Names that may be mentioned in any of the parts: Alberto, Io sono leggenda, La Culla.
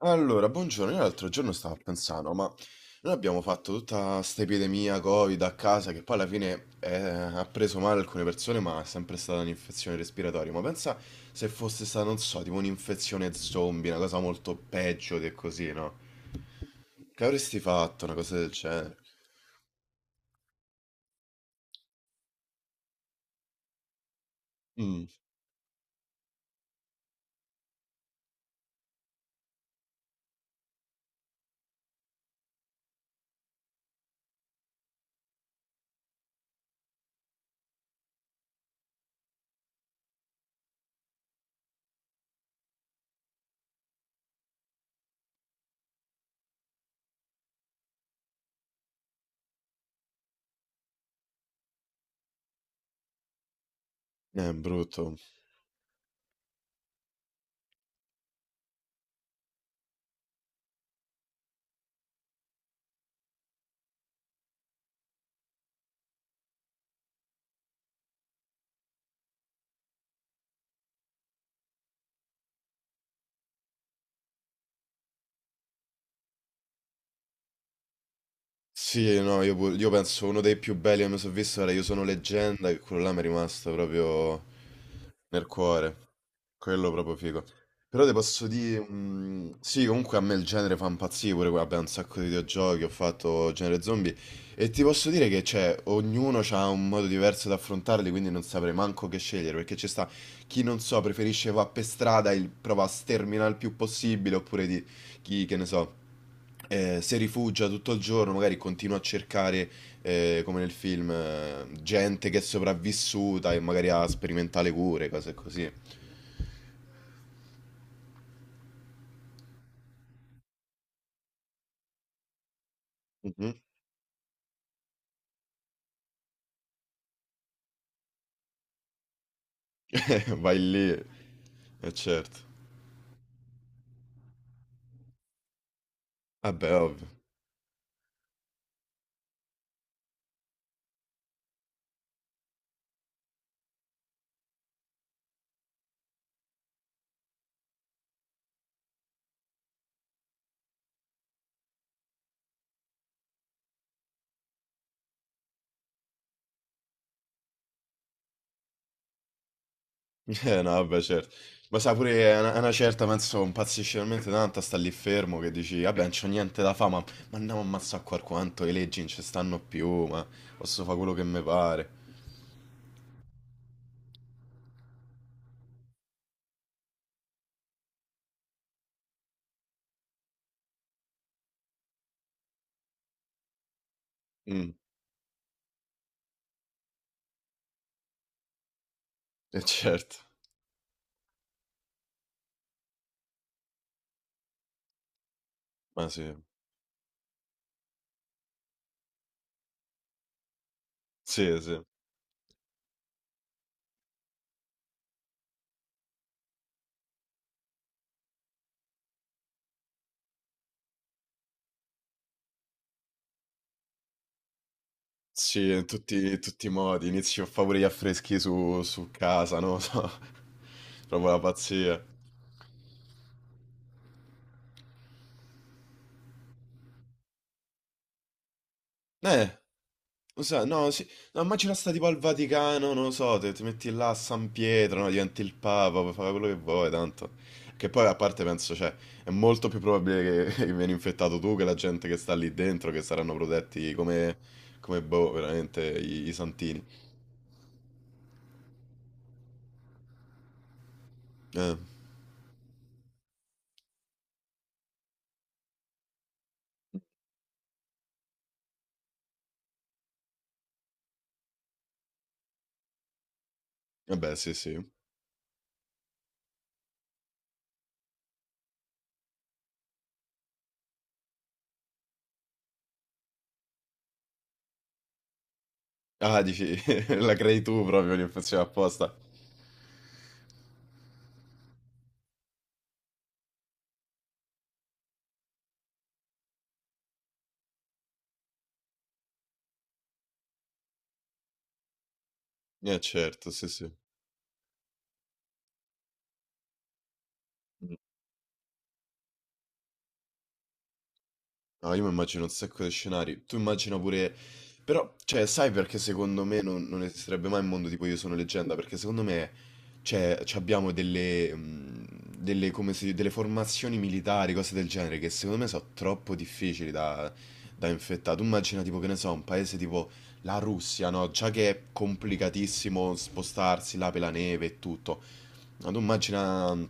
Allora, buongiorno, io l'altro giorno stavo pensando, ma noi abbiamo fatto tutta sta epidemia Covid a casa che poi alla fine ha preso male alcune persone, ma è sempre stata un'infezione respiratoria. Ma pensa se fosse stata, non so, tipo un'infezione zombie, una cosa molto peggio di così, no? Che avresti fatto una cosa del genere? Mm, è brutto. Sì, no, io, io penso uno dei più belli che mi sono visto era Io sono leggenda, che quello là mi è rimasto proprio nel cuore. Quello proprio figo. Però ti posso dire, sì, comunque a me il genere fa impazzire pure, vabbè, un sacco di videogiochi, ho fatto genere zombie e ti posso dire che cioè, ognuno ha un modo diverso da affrontarli, quindi non saprei manco che scegliere, perché ci sta chi non so, preferisce va per strada e prova a sterminare il più possibile, oppure di chi, che ne so, si rifugia tutto il giorno, magari continua a cercare, come nel film, gente che è sopravvissuta e magari ha sperimentale cure, cose così. Mhm. Vai lì, certo. Vabbè, ovvio. No, vabbè, certo. Ma sa pure, è una, certa, penso, impazzisce talmente tanto, sta lì fermo che dici, vabbè, non c'ho niente da fa, ma andiamo a ammazzare qua quanto, le leggi non ci stanno più, ma posso fare quello che mi pare. Mm, certo, ma sì, sì, sì. Sì, in tutti, i modi, inizio a fare pure gli affreschi su casa, no? So, proprio la pazzia. Eh, Lo sai, no, sì, no, immagina sta tipo al Vaticano, non lo so, ti metti là a San Pietro, no, diventi il Papa, puoi fare quello che vuoi, tanto. Che poi a parte penso, cioè, è molto più probabile che vieni infettato tu che la gente che sta lì dentro, che saranno protetti come, boh, veramente, i santini. Eh, vabbè, sì, sì. Ah, dici, la crei tu proprio l'infezione apposta. Eh certo, sì sì. No, io mi immagino un sacco di scenari. Tu immagina pure. Però, cioè, sai perché secondo me non, esisterebbe mai un mondo tipo Io sono leggenda? Perché secondo me, cioè, ci abbiamo delle, delle, delle formazioni militari, cose del genere, che secondo me sono troppo difficili da infettare. Tu immagina tipo, che ne so, un paese tipo la Russia, no? Già che è complicatissimo spostarsi là per la neve e tutto. Ma tu immagina mm,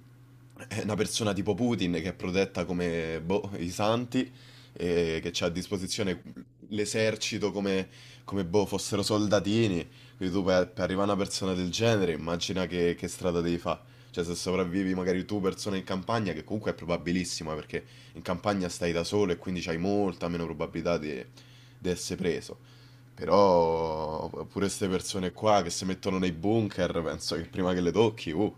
eh, una persona tipo Putin che è protetta come boh, i santi e che ha a disposizione l'esercito come, boh, fossero soldatini. Quindi tu per arrivare a una persona del genere, immagina che strada devi fare. Cioè, se sopravvivi magari tu persona in campagna, che comunque è probabilissima perché in campagna stai da solo e quindi hai molta meno probabilità di essere preso. Però pure queste persone qua che si mettono nei bunker, penso che prima che le tocchi.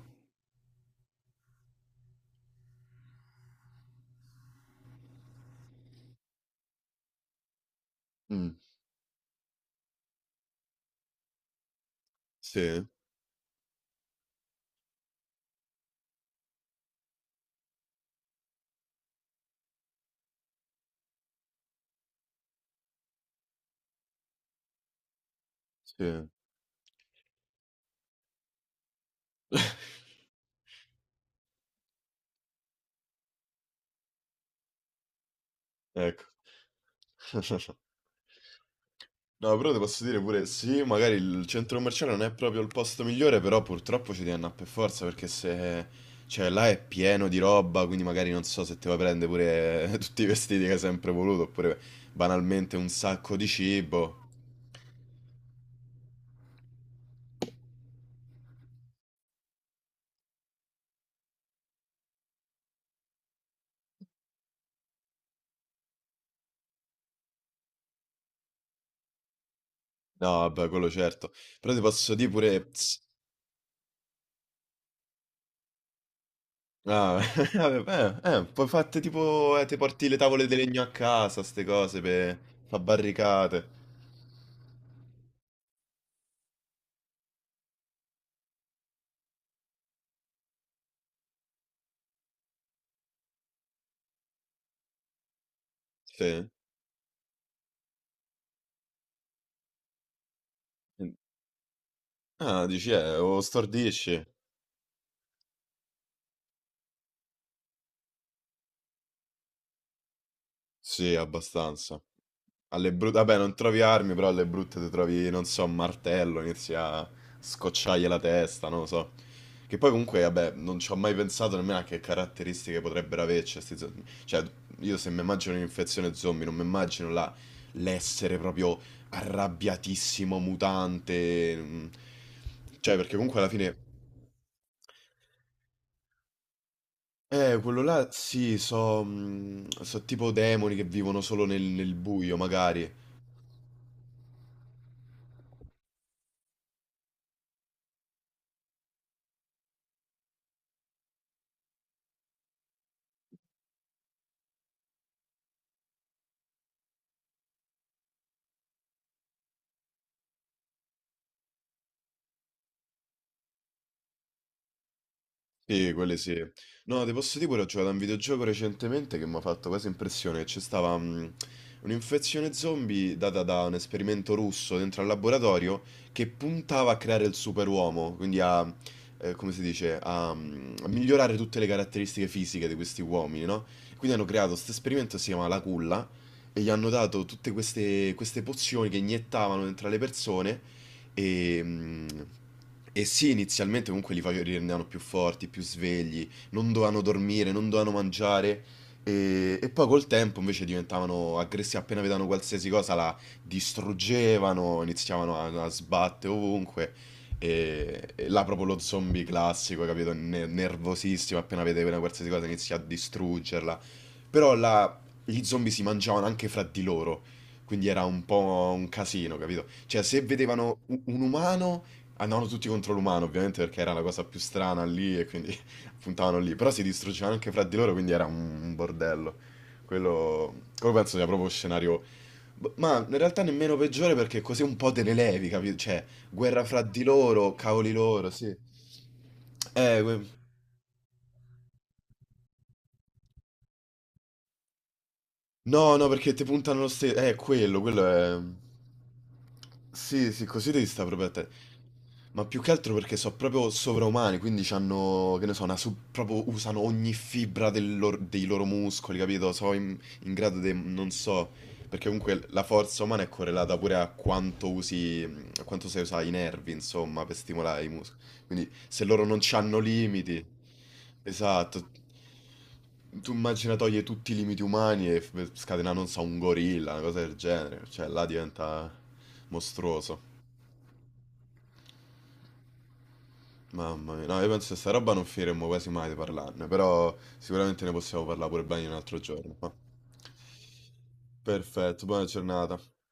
Mh, sì, sì. Ecco. No, però ti posso dire pure sì, magari il centro commerciale non è proprio il posto migliore, però purtroppo ci devi annà per forza perché se cioè là è pieno di roba, quindi magari non so se ti vuoi prendere pure tutti i vestiti che hai sempre voluto, oppure banalmente un sacco di cibo. No, vabbè, quello certo. Però ti posso dire pure s Ah, vabbè, poi fate tipo, ti porti le tavole di legno a casa, ste cose, per fa barricate. Sì. Ah, dici, o stordisci. Sì, abbastanza. Alle brutte, vabbè, non trovi armi, però alle brutte ti trovi, non so, un martello, inizi a scocciargli la testa, non lo so. Che poi comunque, vabbè, non ci ho mai pensato nemmeno a che caratteristiche potrebbero averci questi zombie. Cioè, io se mi immagino un'infezione zombie, non mi immagino l'essere proprio arrabbiatissimo, mutante. Mm. Cioè, perché comunque alla fine. Quello là, sì, so tipo demoni che vivono solo nel buio, magari. Sì, quelle sì. No, ti posso dire pure, ho giocato a un videogioco recentemente che mi ha fatto quasi impressione. C'è stava un'infezione zombie data da un esperimento russo dentro al laboratorio che puntava a creare il superuomo, quindi a, come si dice, a migliorare tutte le caratteristiche fisiche di questi uomini, no? Quindi hanno creato questo esperimento, si chiama La Culla, e gli hanno dato tutte queste, pozioni che iniettavano dentro alle persone e, e sì, inizialmente comunque li rendevano più forti, più svegli, non dovevano dormire, non dovevano mangiare. E, poi col tempo invece diventavano aggressivi, appena vedevano qualsiasi cosa la distruggevano, iniziavano a sbattere ovunque. E, là proprio lo zombie classico, capito? Nervosissimo, appena vede una qualsiasi cosa inizia a distruggerla. Però là gli zombie si mangiavano anche fra di loro. Quindi era un po' un casino, capito? Cioè, se vedevano un umano, andavano tutti contro l'umano, ovviamente, perché era la cosa più strana lì e quindi puntavano lì. Però si distruggevano anche fra di loro, quindi era un bordello. Quello, quello penso sia proprio scenario. Ma in realtà nemmeno peggiore perché così un po' te ne levi, capito? Cioè, guerra fra di loro, cavoli loro, sì. Eh, que- No, no, perché ti puntano lo stesso. Quello, è. Sì, sì, così devi stare proprio a te. Ma più che altro perché sono proprio sovraumani, quindi hanno, che ne so, proprio usano ogni fibra dei loro muscoli, capito? Sono in grado di, non so, perché comunque la forza umana è correlata pure a quanto usi, a quanto sai usare i nervi, insomma, per stimolare i muscoli. Quindi se loro non hanno limiti. Esatto. Tu immagina toglie tutti i limiti umani e scatena, non so, un gorilla, una cosa del genere. Cioè, là diventa mostruoso. Mamma mia. No, io penso che sta roba non finiremmo quasi mai di parlarne, però sicuramente ne possiamo parlare pure bene un altro giorno. Perfetto, buona giornata.